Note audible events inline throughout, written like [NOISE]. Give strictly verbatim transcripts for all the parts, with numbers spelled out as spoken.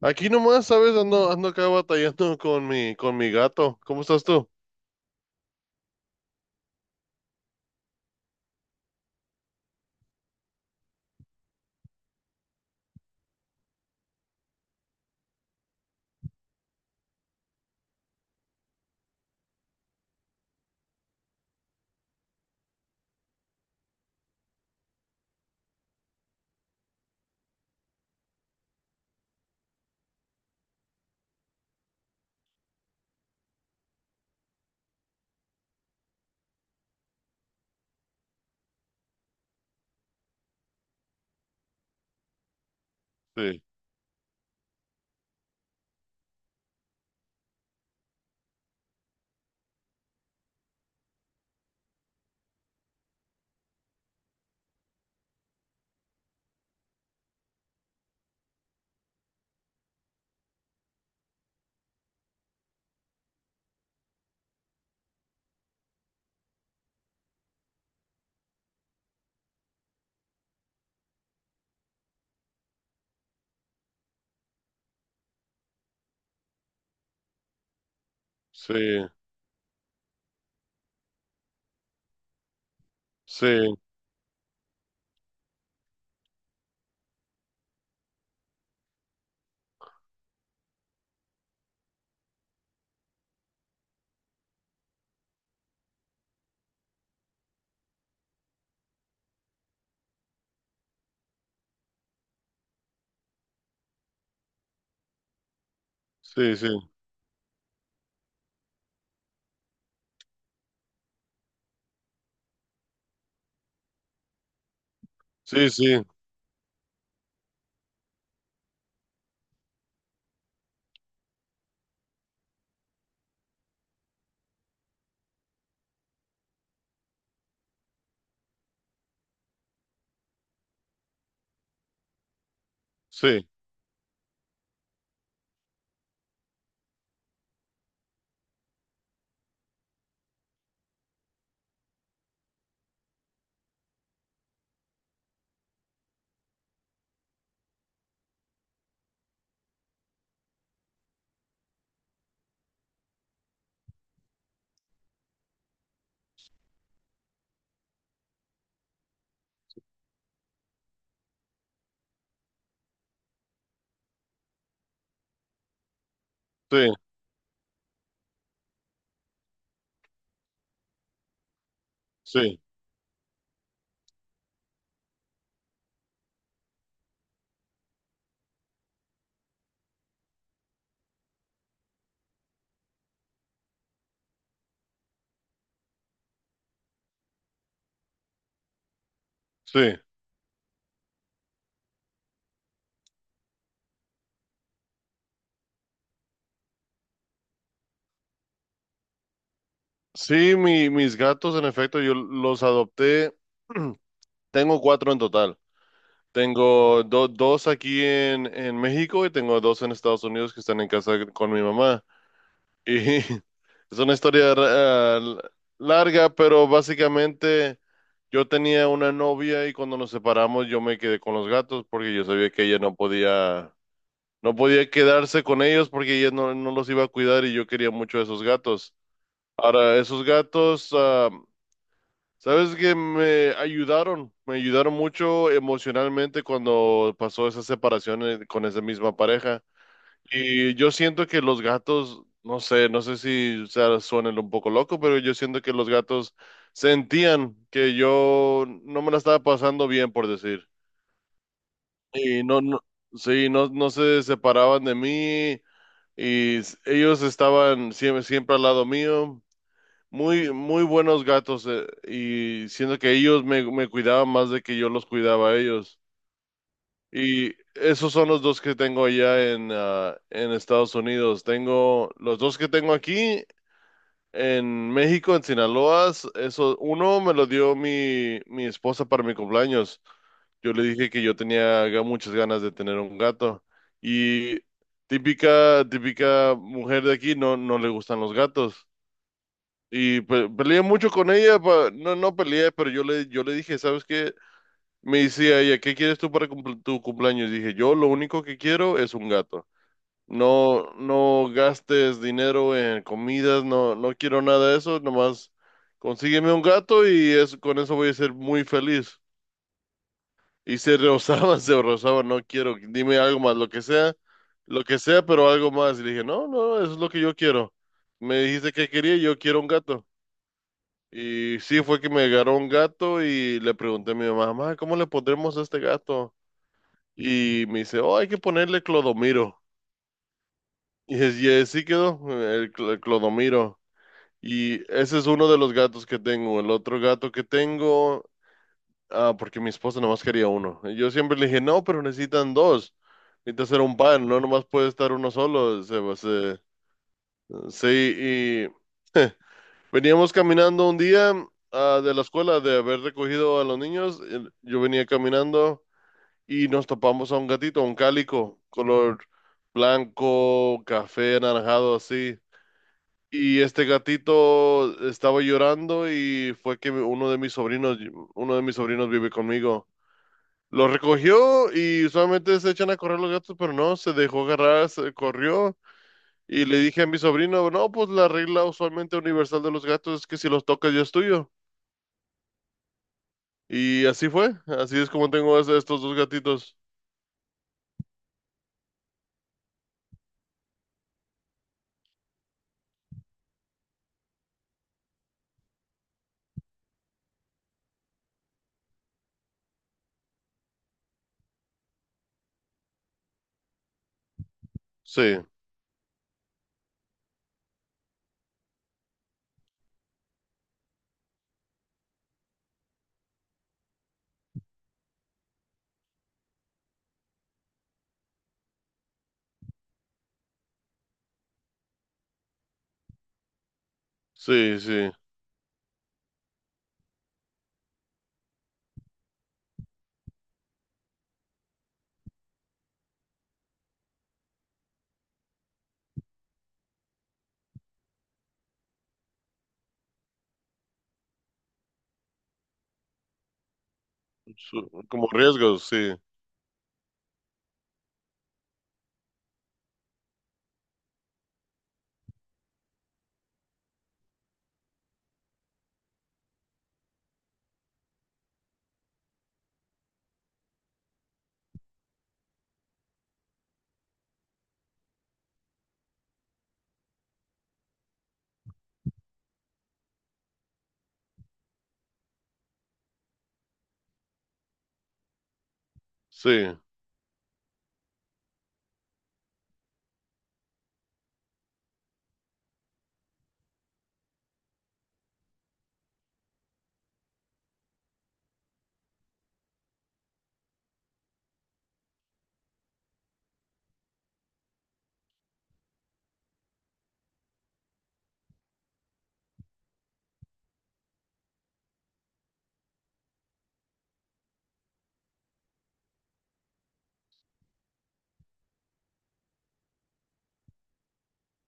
Aquí nomás, ¿sabes? Ando, ando acá batallando con mi, con mi gato. ¿Cómo estás tú? Sí, sí, sí, sí, sí, sí, sí, sí, sí, sí, sí. Sí, mi, mis gatos, en efecto, yo los adopté. [CLEARS THROAT] Tengo cuatro en total. Tengo do- dos aquí en, en México, y tengo dos en Estados Unidos que están en casa con mi mamá. Y [LAUGHS] es una historia ra- eh, larga, pero básicamente yo tenía una novia y cuando nos separamos yo me quedé con los gatos porque yo sabía que ella no podía, no podía quedarse con ellos, porque ella no, no los iba a cuidar, y yo quería mucho a esos gatos. Ahora, esos gatos, ah, ¿sabes que me ayudaron, me ayudaron mucho emocionalmente cuando pasó esa separación, eh, con esa misma pareja? Y yo siento que los gatos, no sé, no sé si, o sea, suenen un poco loco, pero yo siento que los gatos sentían que yo no me la estaba pasando bien, por decir. Y no, no, sí, no, no se separaban de mí, y s- ellos estaban siempre, siempre al lado mío. Muy, muy buenos gatos, eh, y siento que ellos me, me cuidaban más de que yo los cuidaba a ellos. Y esos son los dos que tengo allá en, ah, en Estados Unidos. Tengo los dos que tengo aquí en México, en Sinaloa. Eso, uno me lo dio mi, mi esposa para mi cumpleaños. Yo le dije que yo tenía ga- muchas ganas de tener un gato. Y típica, típica mujer de aquí no, no le gustan los gatos. Y pe- peleé mucho con ella, pa- no, no peleé, pero yo le, yo le dije, ¿sabes qué? Me decía ella, ¿qué quieres tú para cumple- tu cumpleaños? Dije, yo lo único que quiero es un gato. No, no gastes dinero en comidas, no, no quiero nada de eso, nomás consígueme un gato y es, con eso voy a ser muy feliz. Y se rozaba, [LAUGHS] se rozaba, no quiero, dime algo más, lo que sea, lo que sea, pero algo más. Y le dije, no, no, eso es lo que yo quiero. Me dijiste que quería, yo quiero un gato. Y sí, fue que me agarró un gato y le pregunté a mi mamá, mamá, ¿cómo le pondremos a este gato? Y me dice, oh, hay que ponerle Clodomiro. [LAUGHS] Y es- y así quedó, el, Cl- el Clodomiro. Y ese es uno de los gatos que tengo. El otro gato que tengo, ah, porque mi esposa nomás quería uno. Y yo siempre le dije, no, pero necesitan dos. Necesitas hacer un par, no nomás puede estar uno solo. Se, se- sí, y veníamos caminando un día, ah, de la escuela, de haber recogido a los niños. Y yo venía caminando. Y nos topamos a un gatito, un cálico, color blanco, café, anaranjado, así. Y este gatito estaba llorando y fue que uno de mis sobrinos, uno de mis sobrinos vive conmigo. Lo recogió y usualmente se echan a correr los gatos, pero no, se dejó agarrar, se corrió. Y le dije a mi sobrino, no, pues la regla usualmente universal de los gatos es que si los tocas ya es tuyo. Y así fue, así es como tengo es- estos dos gatitos. Sí, sí, sí. Su- como riesgos, sí, sí,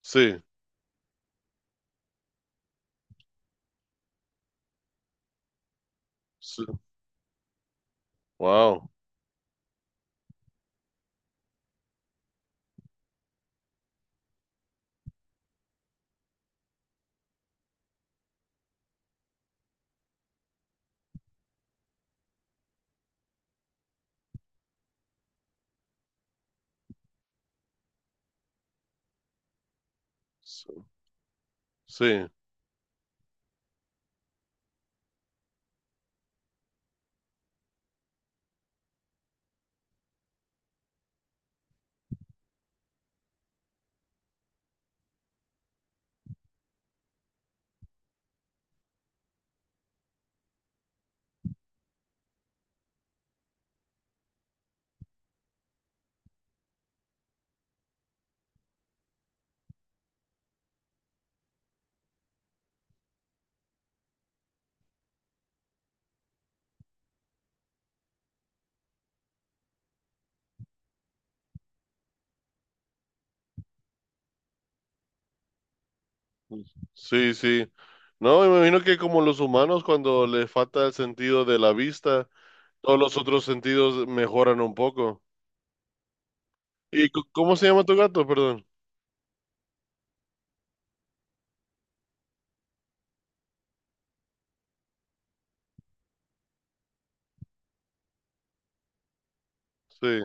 sí, sí, wow, sí, sí, sí, sí. No, me imagino que como los humanos, cuando les falta el sentido de la vista, todos los otros sentidos mejoran un poco. ¿Y c- cómo se llama tu gato? Perdón. Sí,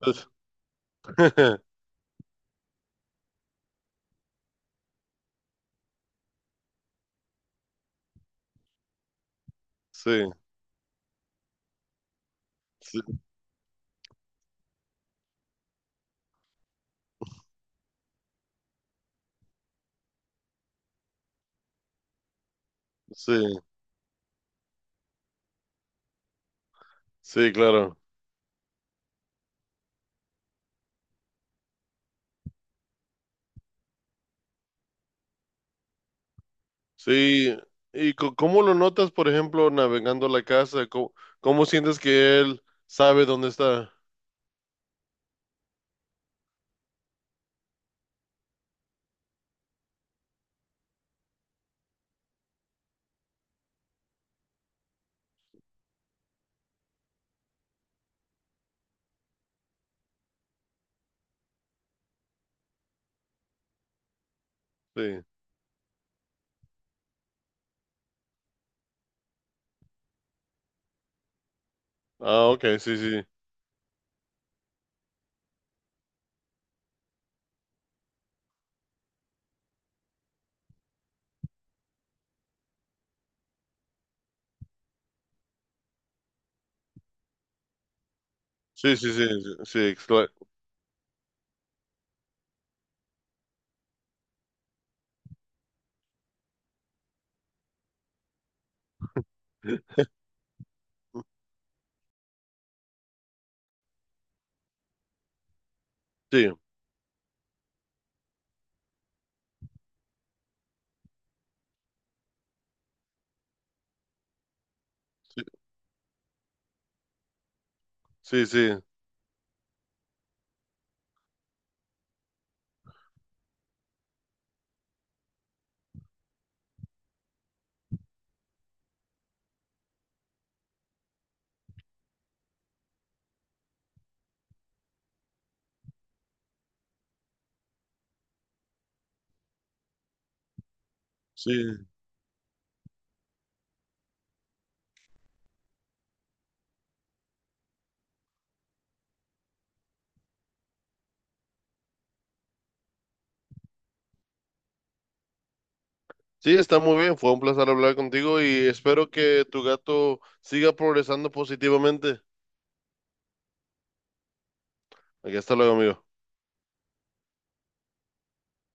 es- [LAUGHS] sí, sí, sí, sí, claro. Sí, ¿y c- cómo lo notas, por ejemplo, navegando la casa? ¿Cómo, cómo sientes que él sabe dónde está? Sí. Ah, ok, sí, sí. Sí, sí, sí, sí, sí, excla- sí, sí, sí, sí, sí, está muy bien. Fue un placer hablar contigo y espero que tu gato siga progresando positivamente. Aquí hasta luego, amigo.